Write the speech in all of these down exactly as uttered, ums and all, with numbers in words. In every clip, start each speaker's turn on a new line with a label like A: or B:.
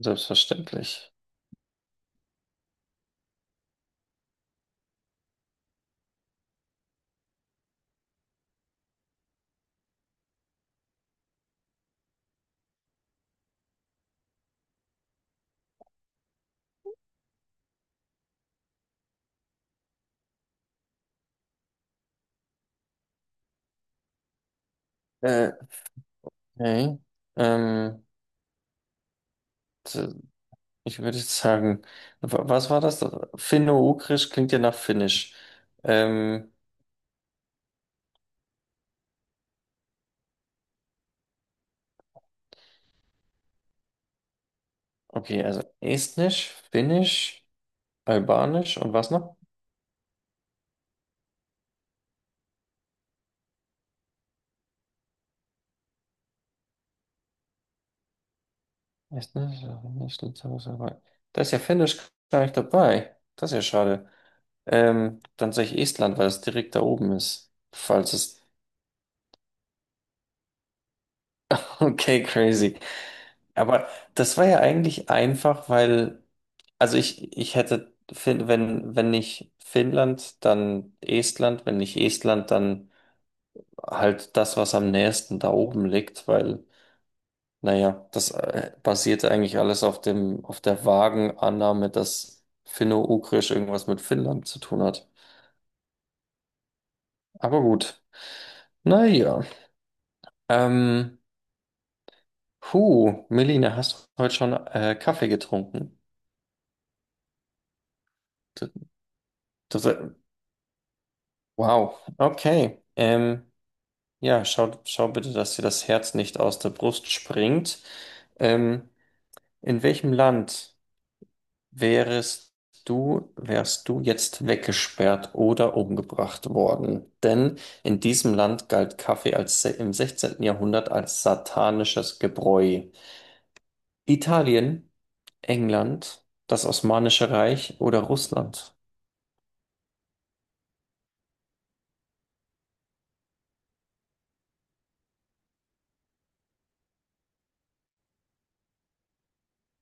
A: Selbstverständlich. Äh, okay. Ähm, t- Ich würde jetzt sagen, wa- was war das? Finno-Ugrisch klingt ja nach Finnisch. Ähm, okay, also Estnisch, Finnisch, Albanisch und was noch? Estnisch, Albanisch, Litauisch, Albanisch. Da ist ja Finnisch gar nicht dabei. Das ist ja schade. Ähm, dann sage ich Estland, weil es direkt da oben ist. Falls es. Okay, crazy. Aber das war ja eigentlich einfach, weil, also ich, ich hätte, Fin- wenn, wenn nicht Finnland, dann Estland, wenn nicht Estland, dann halt das, was am nächsten da oben liegt, weil, naja, das äh, basierte eigentlich alles auf dem, auf der vagen Annahme, dass Finno-Ugrisch irgendwas mit Finnland zu tun hat. Aber gut, naja. Ähm, Puh, Melina, hast du heute schon äh, Kaffee getrunken? Das, das, wow, okay. Ähm, Ja, schau, schau bitte, dass dir das Herz nicht aus der Brust springt. Ähm, in welchem Land wärest du, wärst du jetzt weggesperrt oder umgebracht worden? Denn in diesem Land galt Kaffee als, se- im sechzehnten. Jahrhundert als satanisches Gebräu. Italien, England, das Osmanische Reich oder Russland?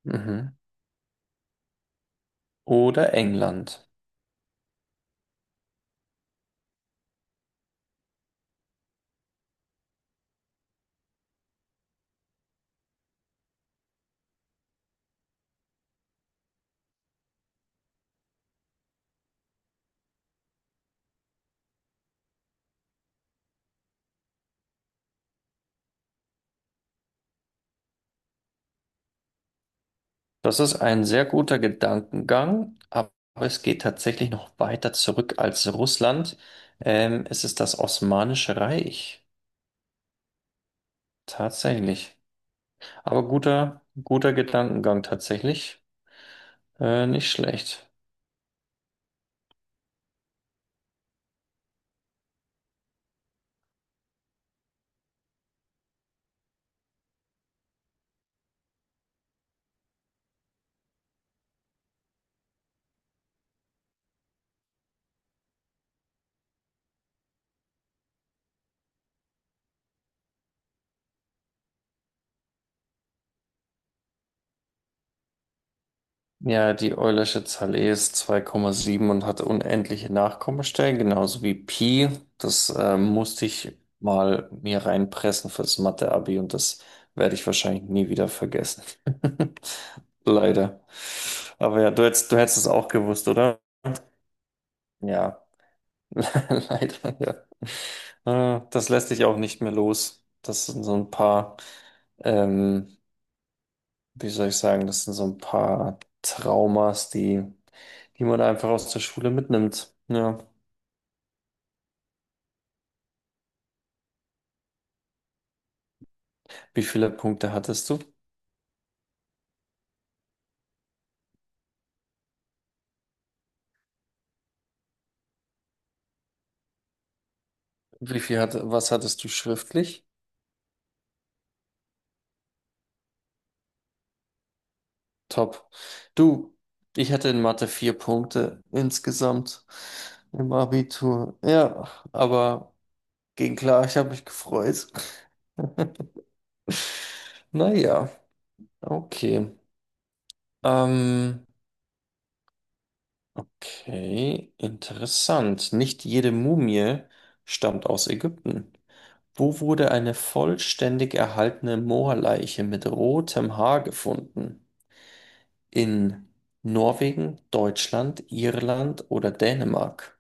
A: Mhm. Oder England. Das ist ein sehr guter Gedankengang, aber es geht tatsächlich noch weiter zurück als Russland. Ähm, es ist das Osmanische Reich. Tatsächlich. Aber guter, guter Gedankengang tatsächlich. Äh, nicht schlecht. Ja, die Eulersche Zahl E ist zwei Komma sieben und hat unendliche Nachkommastellen, genauso wie Pi. Das äh, musste ich mal mir reinpressen fürs Mathe-Abi, und das werde ich wahrscheinlich nie wieder vergessen. Leider. Aber ja, du hättest, du hättest es auch gewusst, oder? Ja, leider, ja. Äh, Das lässt dich auch nicht mehr los. Das sind so ein paar, ähm, wie soll ich sagen, das sind so ein paar Traumas, die die man einfach aus der Schule mitnimmt. Ja. Wie viele Punkte hattest du? Wie viel hat, was hattest du schriftlich? Top. Du, ich hatte in Mathe vier Punkte insgesamt im Abitur. Ja, aber ging klar, ich habe mich gefreut. Naja, okay. Ähm, Okay, interessant. Nicht jede Mumie stammt aus Ägypten. Wo wurde eine vollständig erhaltene Moorleiche mit rotem Haar gefunden? In Norwegen, Deutschland, Irland oder Dänemark?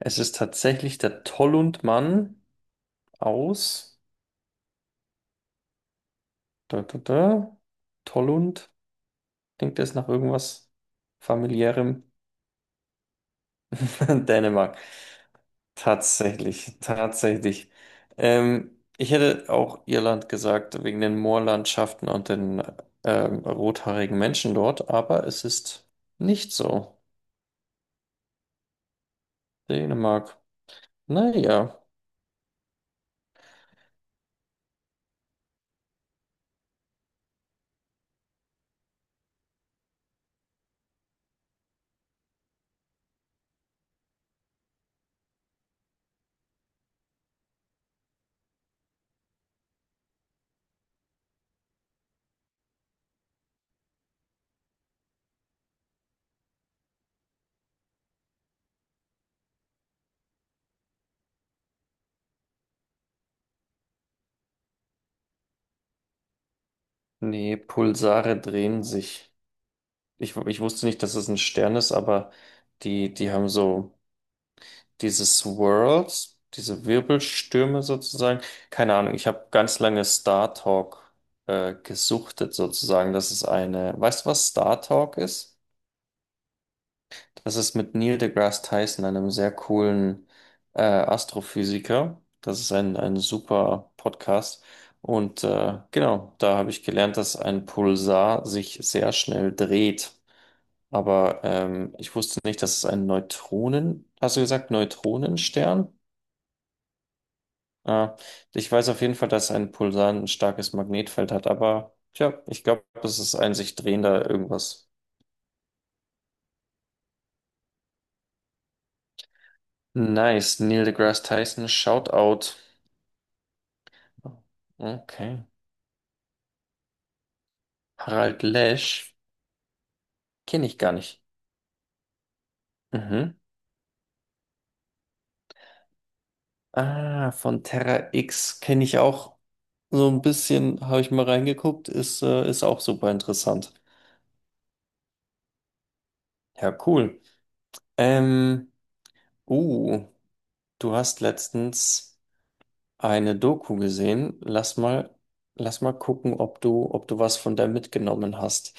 A: Es ist tatsächlich der Tollundmann aus. Da, da, da. Tollund. Klingt das nach irgendwas familiärem? Dänemark. Tatsächlich, tatsächlich. Ähm, ich hätte auch Irland gesagt, wegen den Moorlandschaften und den ähm, rothaarigen Menschen dort, aber es ist nicht so. Dänemark. Naja. Nee, Pulsare drehen sich. Ich, ich wusste nicht, dass es ein Stern ist, aber die, die haben so. Diese Swirls, diese Wirbelstürme sozusagen. Keine Ahnung, ich habe ganz lange Star Talk äh, gesuchtet sozusagen. Das ist eine, weißt du, was Star Talk ist? Das ist mit Neil deGrasse Tyson, einem sehr coolen äh, Astrophysiker. Das ist ein, ein super Podcast. Und äh, genau, da habe ich gelernt, dass ein Pulsar sich sehr schnell dreht. Aber ähm, ich wusste nicht, dass es ein Neutronen, hast du gesagt, Neutronenstern? Ja, ich weiß auf jeden Fall, dass ein Pulsar ein starkes Magnetfeld hat, aber tja, ich glaube, das ist ein sich drehender irgendwas. Nice, Neil deGrasse Tyson, Shoutout. Okay. Harald Lesch, kenne ich gar nicht. Mhm. Ah, von Terra X kenne ich auch so ein bisschen, habe ich mal reingeguckt, ist, äh, ist auch super interessant. Ja, cool. Ähm, uh, Du hast letztens eine Doku gesehen. Lass mal, lass mal gucken, ob du, ob du was von der mitgenommen hast.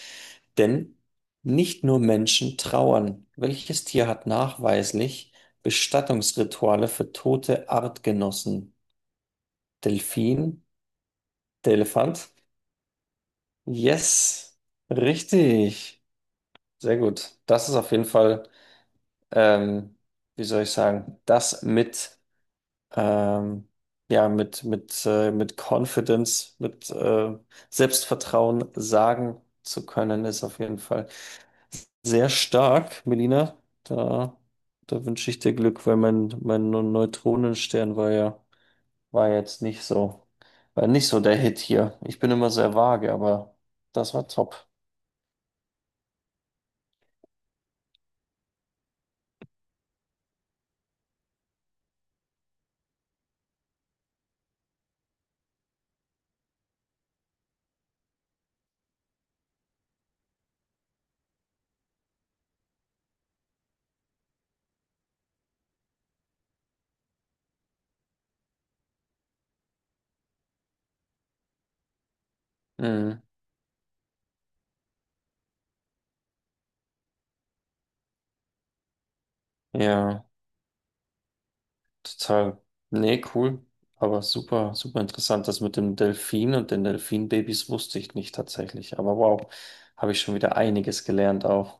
A: Denn nicht nur Menschen trauern. Welches Tier hat nachweislich Bestattungsrituale für tote Artgenossen? Delfin, der Elefant? Yes, richtig. Sehr gut. Das ist auf jeden Fall, ähm, wie soll ich sagen, das mit ähm, ja, mit, mit, äh, mit Confidence, mit äh, Selbstvertrauen sagen zu können, ist auf jeden Fall sehr stark, Melina. Da, Da wünsche ich dir Glück, weil mein, mein Neutronenstern war ja, war jetzt nicht so, war nicht so der Hit hier. Ich bin immer sehr vage, aber das war top. Mhm. Ja. Total. Nee, cool. Aber super, super interessant. Das mit dem Delfin und den Delfinbabys wusste ich nicht tatsächlich. Aber wow, habe ich schon wieder einiges gelernt auch.